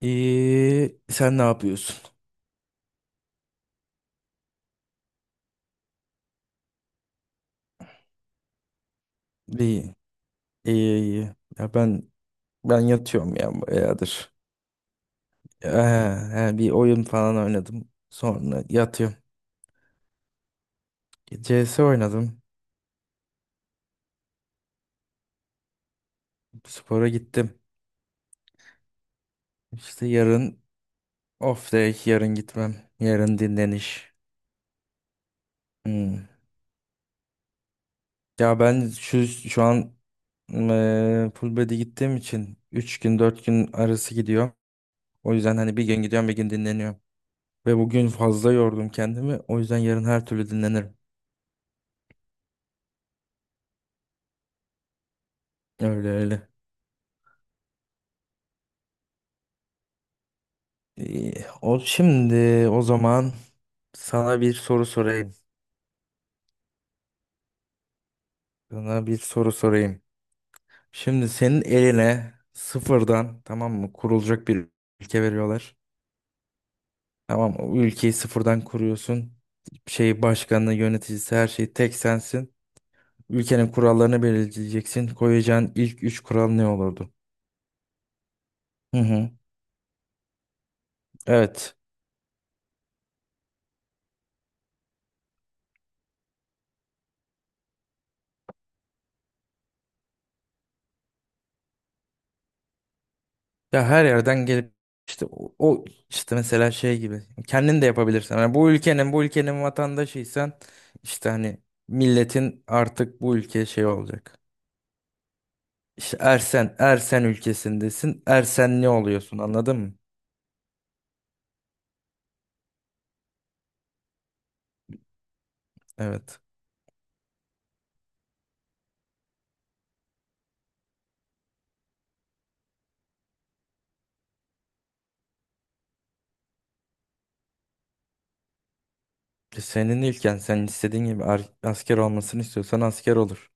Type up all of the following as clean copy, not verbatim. İyi, sen ne yapıyorsun? İyi, iyi, iyi. Ya ben yatıyorum ya bayağıdır. Ya, he, he, bir oyun falan oynadım. Sonra yatıyorum. CS oynadım. Spora gittim. İşte yarın off day, yarın gitmem. Yarın dinleniş. Hmm. Ya ben şu an full body gittiğim için üç gün 4 gün arası gidiyor. O yüzden hani bir gün gidiyorum bir gün dinleniyorum. Ve bugün fazla yordum kendimi. O yüzden yarın her türlü dinlenirim. Öyle öyle. İyi, o şimdi o zaman sana bir soru sorayım. Sana bir soru sorayım. Şimdi senin eline sıfırdan, tamam mı, kurulacak bir ülke veriyorlar. Tamam mı? O ülkeyi sıfırdan kuruyorsun. Şey başkanı, yöneticisi, her şey tek sensin. Ülkenin kurallarını belirleyeceksin. Koyacağın ilk üç kural ne olurdu? Hı hı. Evet. Ya her yerden gelip işte o işte mesela şey gibi kendin de yapabilirsin. Yani bu ülkenin vatandaşıysan işte hani milletin artık bu ülke şey olacak. İşte Ersen Ersen ülkesindesin. Ersen ne oluyorsun, anladın mı? Evet. Senin ülken, sen istediğin gibi asker olmasını istiyorsan asker olur.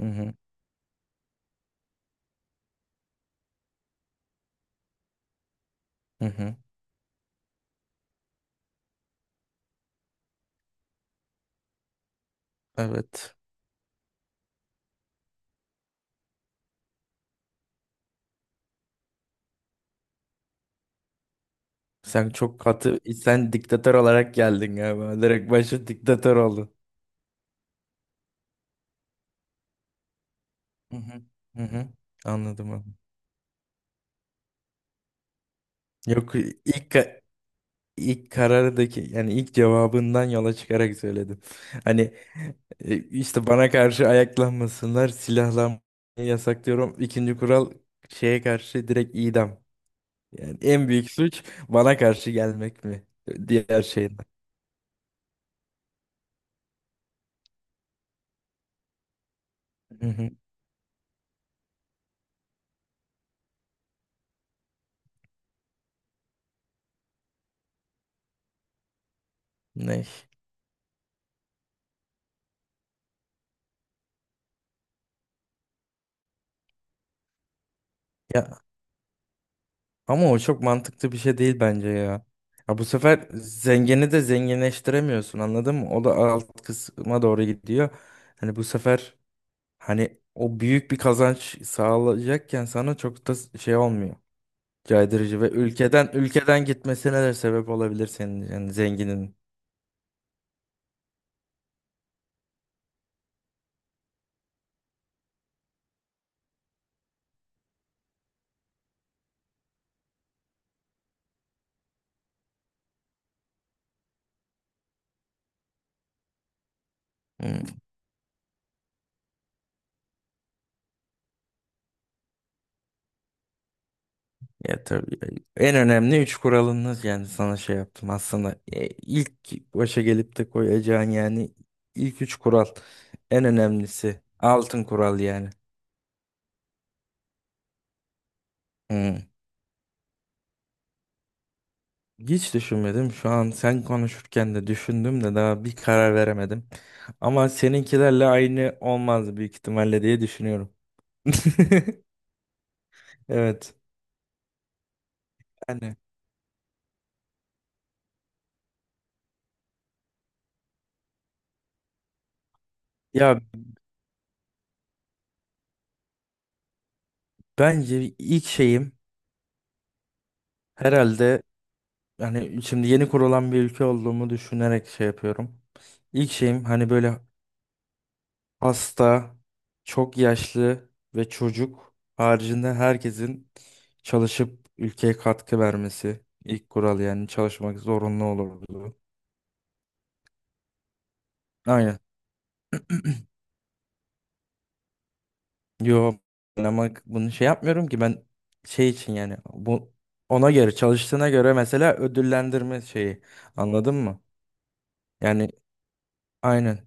Hı hı. Hı hı. Evet. Sen çok katı, sen diktatör olarak geldin galiba. Direkt başı diktatör oldun. Hı hı. Hı hı. Anladım, abi. Yok, ilk ka- ilk karardaki, yani ilk cevabından yola çıkarak söyledim. Hani işte bana karşı ayaklanmasınlar, silahlanmayı yasaklıyorum. İkinci kural şeye karşı direkt idam. Yani en büyük suç bana karşı gelmek mi? Diğer şeyden. Hı hı. Ne? Ya ama o çok mantıklı bir şey değil bence ya. Ya bu sefer zengini de zenginleştiremiyorsun, anladın mı? O da alt kısma doğru gidiyor. Hani bu sefer, hani o büyük bir kazanç sağlayacakken sana çok da şey olmuyor. Caydırıcı, ve ülkeden gitmesine de sebep olabilir senin, yani zenginin. Hmm, ya tabii. En önemli üç kuralınız, yani sana şey yaptım aslında, ilk başa gelip de koyacağın, yani ilk üç kural, en önemlisi, altın kural yani. Hmm. Hiç düşünmedim. Şu an sen konuşurken de düşündüm de daha bir karar veremedim. Ama seninkilerle aynı olmaz büyük ihtimalle diye düşünüyorum. Evet. Yani ya, bence ilk şeyim herhalde, hani şimdi yeni kurulan bir ülke olduğumu düşünerek şey yapıyorum. İlk şeyim hani böyle hasta, çok yaşlı ve çocuk haricinde herkesin çalışıp ülkeye katkı vermesi. İlk kural yani, çalışmak zorunlu olurdu. Aynen. Yo, ben ama bunu şey yapmıyorum ki, ben şey için, yani bu, ona göre çalıştığına göre mesela ödüllendirme şeyi, anladın mı? Yani aynen.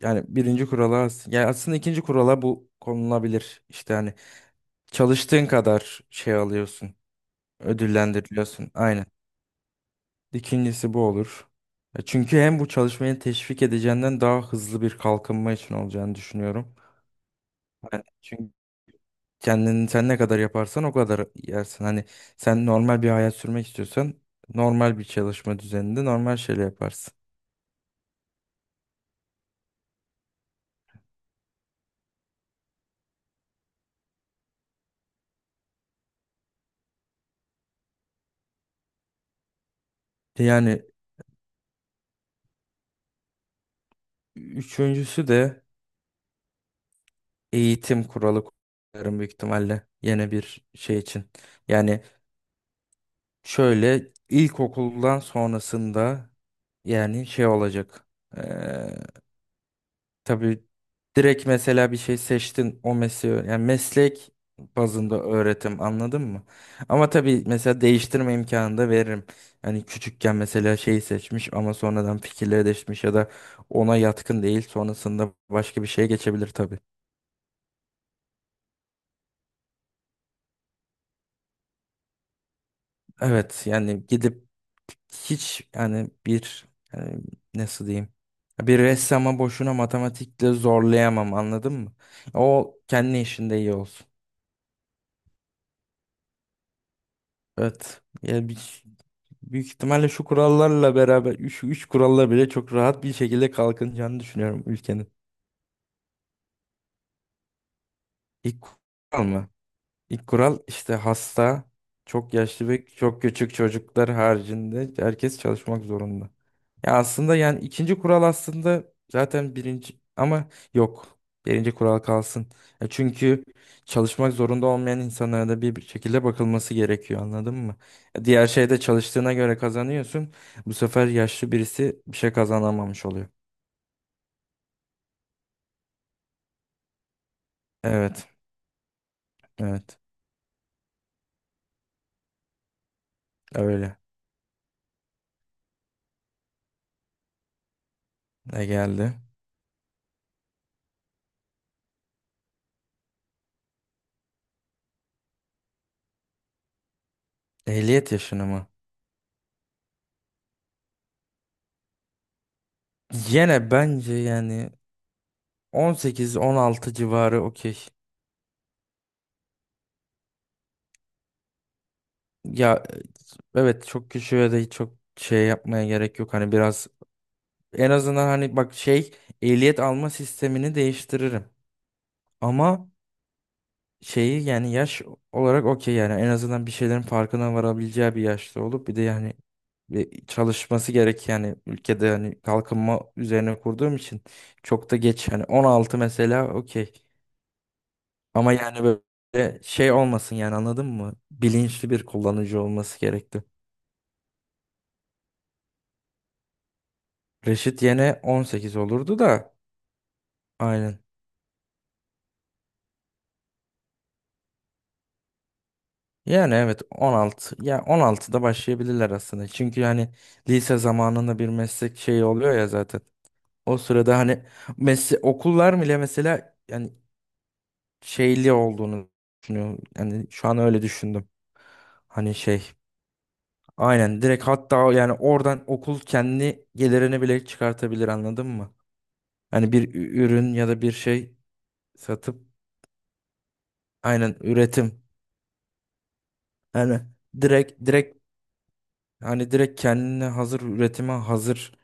Yani birinci kurala, yani aslında ikinci kurala bu konulabilir. İşte hani çalıştığın kadar şey alıyorsun, ödüllendiriliyorsun. Aynen. İkincisi bu olur. Çünkü hem bu çalışmayı teşvik edeceğinden daha hızlı bir kalkınma için olacağını düşünüyorum. Yani çünkü kendini sen ne kadar yaparsan o kadar yersin. Hani sen normal bir hayat sürmek istiyorsan normal bir çalışma düzeninde normal şeyler yaparsın. Yani üçüncüsü de eğitim kuralı koyarım büyük ihtimalle, yine bir şey için. Yani şöyle, ilkokuldan sonrasında yani şey olacak. Tabii direkt mesela bir şey seçtin, o mesleği, yani meslek bazında öğretim, anladın mı? Ama tabii mesela değiştirme imkanı da veririm. Hani küçükken mesela şeyi seçmiş ama sonradan fikirleri değişmiş ya da ona yatkın değil, sonrasında başka bir şeye geçebilir tabii. Evet, yani gidip, hiç yani, bir yani, nasıl diyeyim, bir ressama boşuna matematikle zorlayamam, anladın mı? O kendi işinde iyi olsun. Evet. Yani büyük ihtimalle şu kurallarla beraber, şu üç kuralla bile çok rahat bir şekilde kalkınacağını düşünüyorum ülkenin. İlk kural mı? İlk kural işte hasta, çok yaşlı ve çok küçük çocuklar haricinde herkes çalışmak zorunda. Ya aslında yani ikinci kural aslında zaten birinci, ama yok. Birinci kural kalsın. Ya çünkü çalışmak zorunda olmayan insanlara da bir şekilde bakılması gerekiyor, anladın mı? Ya, diğer şeyde çalıştığına göre kazanıyorsun. Bu sefer yaşlı birisi bir şey kazanamamış oluyor. Evet, evet. Öyle. Ne geldi? Ehliyet yaşını mı? Yine bence yani 18-16 civarı okey. Ya evet, çok küçüğe de çok şey yapmaya gerek yok. Hani biraz, en azından hani bak şey, ehliyet alma sistemini değiştiririm. Ama şeyi, yani yaş olarak okey, yani en azından bir şeylerin farkına varabileceği bir yaşta olup bir de yani bir çalışması gerek, yani ülkede, yani kalkınma üzerine kurduğum için çok da geç, yani 16 mesela okey. Ama yani böyle şey olmasın yani, anladın mı? Bilinçli bir kullanıcı olması gerekti. Reşit yene 18 olurdu da, aynen. Yani evet, 16, ya 16'da başlayabilirler aslında. Çünkü hani lise zamanında bir meslek şeyi oluyor ya zaten. O sırada hani, mesle okullar bile mesela, yani şeyli olduğunu düşünüyorum. Yani şu an öyle düşündüm. Hani şey, aynen, direkt, hatta yani oradan okul kendi gelirini bile çıkartabilir, anladın mı? Hani bir ürün ya da bir şey satıp, aynen, üretim. Yani direkt hani direkt kendine hazır, üretime hazır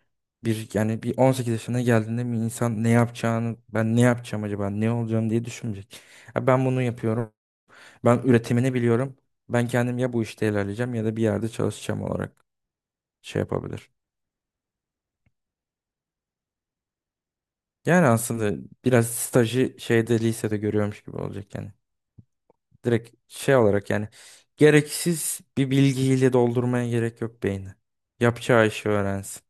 bir, yani bir 18 yaşına geldiğinde bir insan ne yapacağını, ben ne yapacağım acaba, ne olacağım diye düşünmeyecek. Ha, ben bunu yapıyorum. Ben üretimini biliyorum. Ben kendim, ya bu işte ilerleyeceğim ya da bir yerde çalışacağım olarak şey yapabilir. Yani aslında biraz stajı şeyde, lisede görüyormuş gibi olacak yani. Direkt şey olarak yani, gereksiz bir bilgiyle doldurmaya gerek yok beyni. Yapacağı işi öğrensin.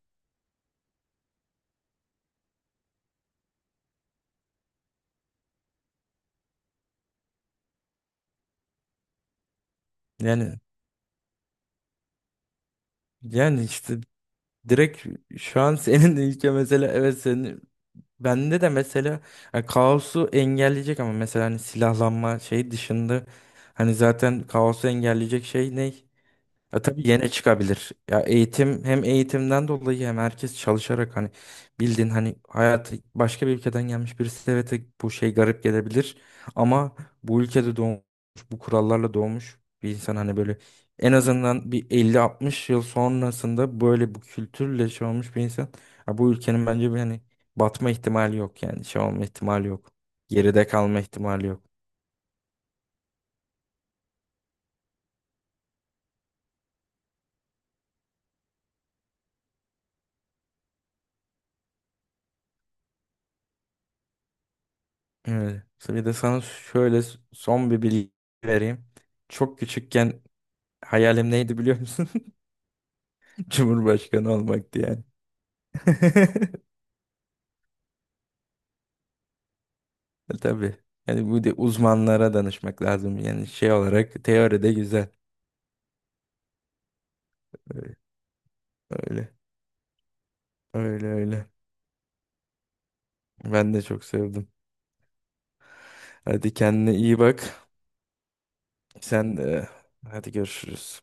Yani yani işte direkt, şu an senin de ilke mesela, evet, senin bende de mesela, yani kaosu engelleyecek, ama mesela hani silahlanma şey dışında, hani zaten kaosu engelleyecek şey ne? Ya tabii yine çıkabilir. Ya eğitim, hem eğitimden dolayı hem herkes çalışarak, hani bildiğin hani hayatı, başka bir ülkeden gelmiş birisi evet, bu şey garip gelebilir, ama bu ülkede doğmuş, bu kurallarla doğmuş bir insan, hani böyle, en azından bir 50-60 yıl sonrasında böyle bu kültürle şey olmuş bir insan, ya bu ülkenin bence bir hani batma ihtimali yok, yani şey olma ihtimali yok. Geride kalma ihtimali yok. Evet. Bir de sana şöyle son bir bilgi vereyim. Çok küçükken hayalim neydi biliyor musun? Cumhurbaşkanı olmaktı yani. Tabii. Yani bu de uzmanlara danışmak lazım. Yani şey olarak teoride güzel. Öyle. Öyle öyle. Öyle. Ben de çok sevdim. Hadi kendine iyi bak. Sen de hadi görüşürüz.